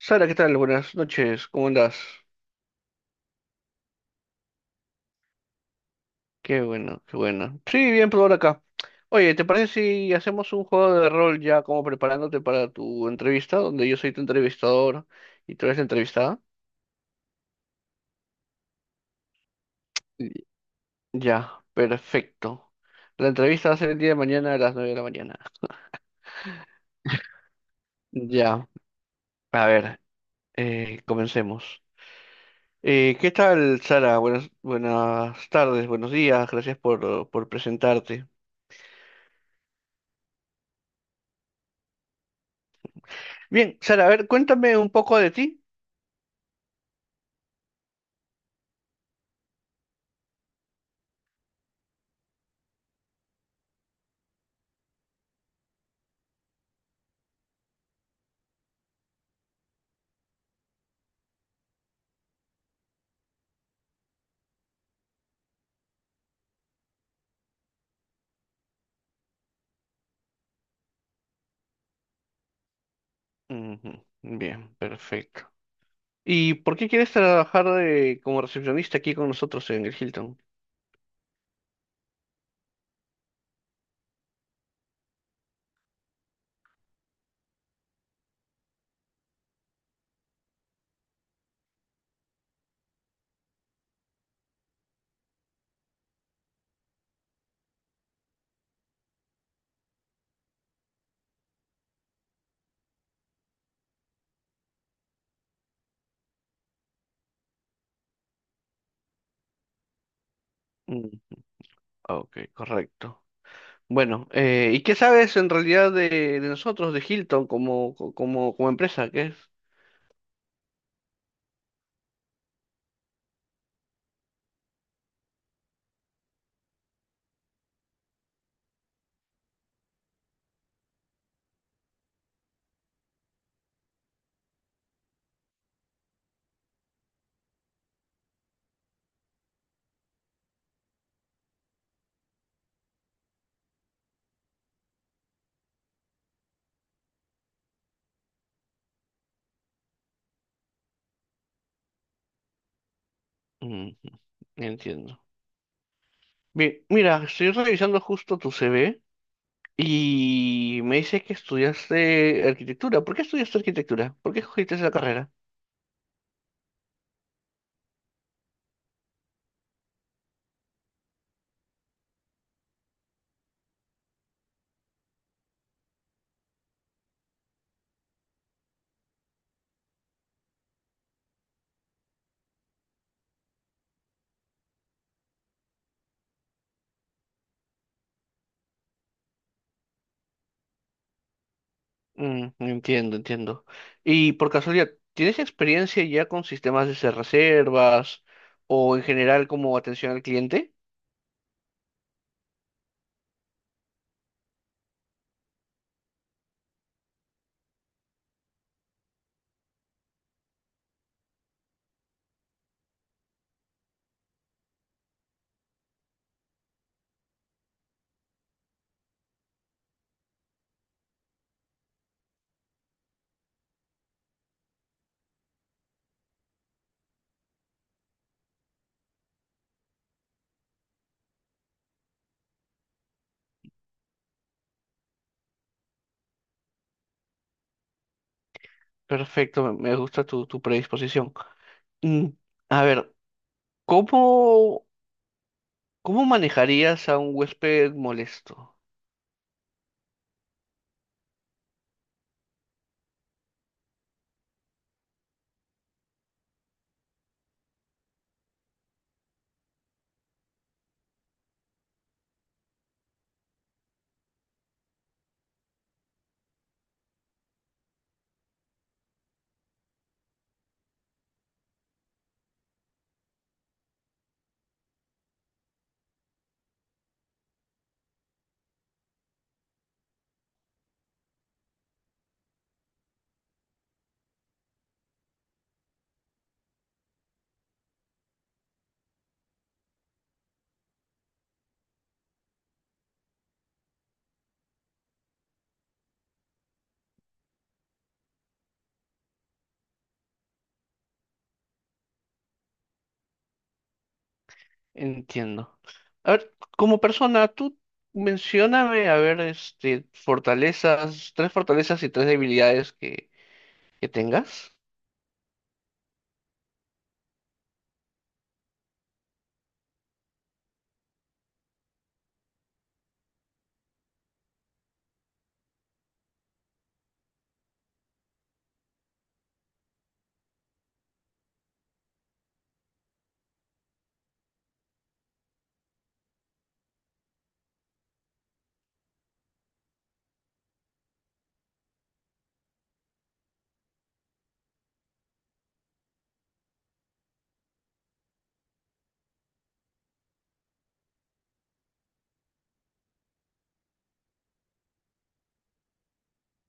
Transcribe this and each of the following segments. Sara, ¿qué tal? Buenas noches, ¿cómo andás? Qué bueno, qué bueno. Sí, bien, por ahora acá. Oye, ¿te parece si hacemos un juego de rol ya como preparándote para tu entrevista, donde yo soy tu entrevistador y tú eres la entrevistada? Y- Ya, perfecto. La entrevista va a ser el día de mañana a las 9 de la mañana. Ya, a ver, comencemos. ¿Qué tal, Sara? Buenas, buenas tardes, buenos días, gracias por presentarte. Bien, Sara, a ver, cuéntame un poco de ti. Ujú. Bien, perfecto. ¿Y por qué quieres trabajar como recepcionista aquí con nosotros en el Hilton? Mm, ah, ok, correcto. Bueno, ¿y qué sabes en realidad de nosotros, de Hilton, como empresa? ¿Qué es? Ujú. Entiendo. Bien, mira, estoy revisando justo tu CV y me dice que estudiaste arquitectura. ¿Por qué estudiaste arquitectura? ¿Por qué escogiste esa carrera? Mm, entiendo, entiendo. Y por casualidad, ¿tienes experiencia ya con sistemas de hacer reservas o en general como atención al cliente? Perfecto, me gusta tu predisposición. Mm, a ver, ¿cómo, ¿cómo manejarías a un huésped molesto? Entiendo. A ver, como persona, tú mencióname, a ver, este, fortalezas, 3 fortalezas y 3 debilidades que tengas.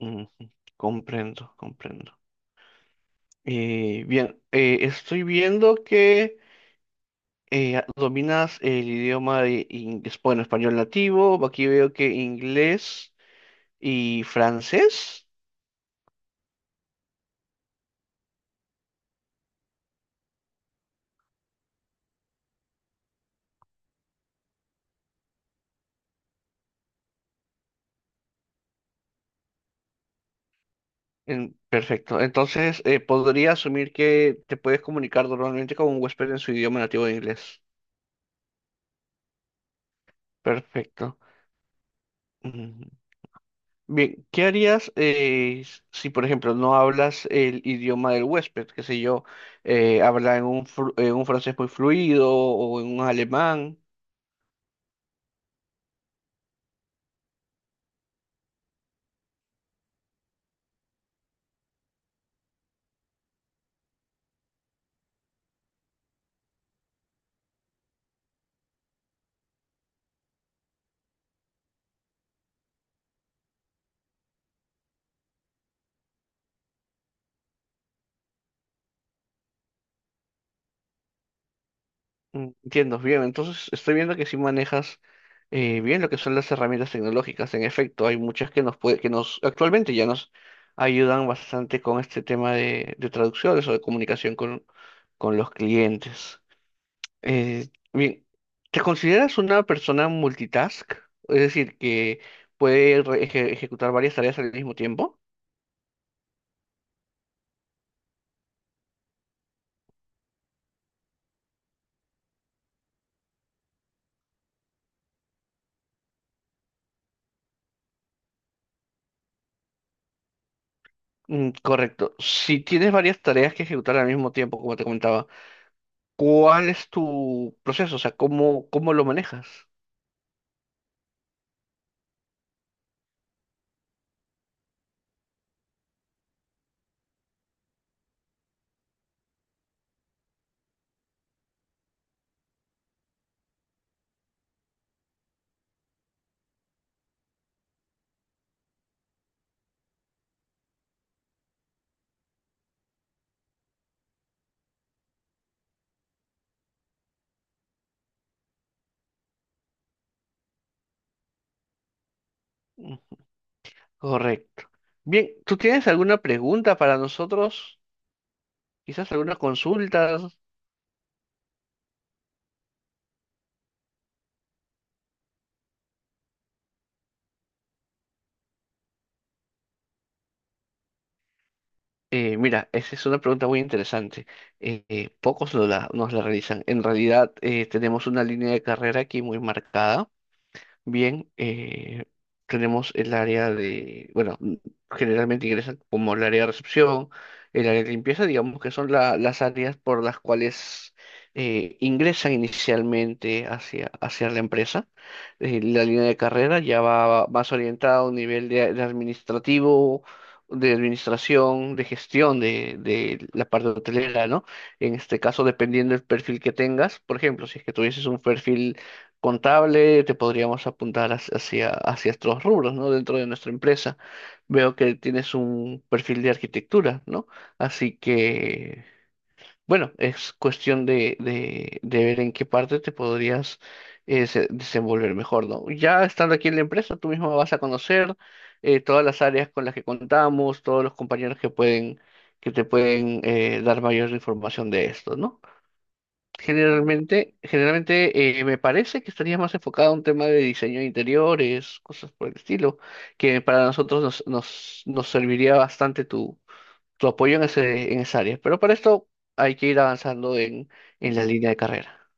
Mm, comprendo, comprendo. Bien, estoy viendo que dominas el idioma de inglés, bueno, español nativo, aquí veo que inglés y francés. Perfecto, entonces podría asumir que te puedes comunicar normalmente con un huésped en su idioma nativo de inglés. Perfecto. Mm. Bien, ¿qué harías si, por ejemplo, no hablas el idioma del huésped? Qué sé yo, habla en un, en un francés muy fluido o en un alemán. Mm, entiendo, bien, entonces estoy viendo que sí manejas bien lo que son las herramientas tecnológicas. En efecto, hay muchas que nos puede, que nos actualmente ya nos ayudan bastante con este tema de traducciones o de comunicación con los clientes. Eh, bien, ¿te consideras una persona multitask? Es decir, que puede ejecutar varias tareas al mismo tiempo. Mm, correcto. Si tienes varias tareas que ejecutar al mismo tiempo, como te comentaba, ¿cuál es tu proceso? O sea, ¿cómo lo manejas? Mm, correcto. Bien, ¿tú tienes alguna pregunta para nosotros? Quizás alguna consulta. Mira, esa es una pregunta muy interesante. Pocos nos la realizan. En realidad, tenemos una línea de carrera aquí muy marcada. Bien, tenemos el área de, bueno, mm, generalmente ingresan como el área de recepción, el área de limpieza, digamos que son las áreas por las cuales ingresan inicialmente hacia la empresa. La línea de carrera ya va más orientada a un nivel de administrativo, de administración, de gestión de la parte hotelera, ¿no? En este caso, dependiendo del perfil que tengas, por ejemplo, si es que tuvieses un perfil contable, te podríamos apuntar hacia estos rubros, ¿no? Dentro de nuestra empresa. Veo que tienes un perfil de arquitectura, ¿no? Así que, bueno, es cuestión de ver en qué parte te podrías desenvolver mejor, ¿no? Ya estando aquí en la empresa, tú mismo vas a conocer todas las áreas con las que contamos, todos los compañeros que pueden, que te pueden dar mayor información de esto, ¿no? Generalmente me parece que estaría más enfocado a un tema de diseño de interiores, cosas por el estilo, que para nosotros nos serviría bastante tu apoyo en en esa área. Pero para esto hay que ir avanzando en la línea de carrera.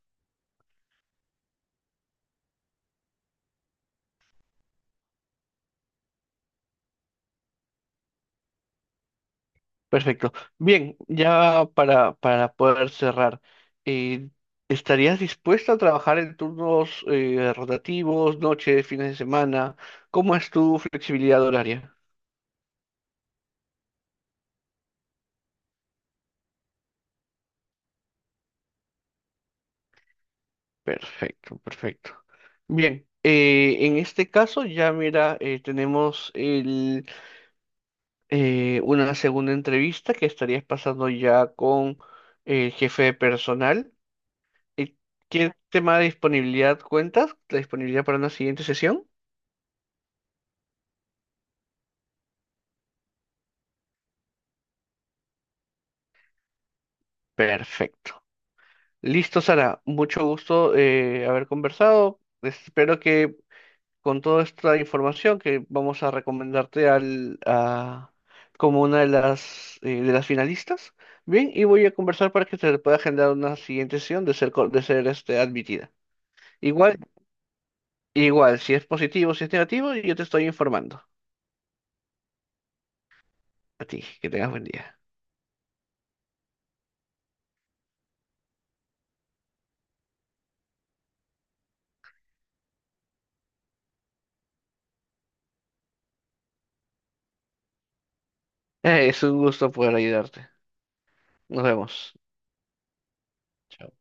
Perfecto. Bien, ya para poder cerrar, eh, ¿estarías dispuesta a trabajar en turnos rotativos, noches, fines de semana? ¿Cómo es tu flexibilidad horaria? Perfecto, perfecto. Bien, en este caso ya mira, tenemos una segunda entrevista que estarías pasando ya con el jefe de personal. Eh, ¿Qué tema de disponibilidad cuentas? ¿La disponibilidad para una siguiente sesión? Perfecto. Listo, Sara. Mucho gusto haber conversado. Espero que con toda esta información que vamos a recomendarte como una de de las finalistas. Bien, y voy a conversar para que se le pueda agendar una siguiente sesión de de ser este, admitida. Igual, igual, si es positivo, si es negativo, yo te estoy informando. A ti, que tengas buen día. Es un gusto poder ayudarte. Nos vemos. Chao.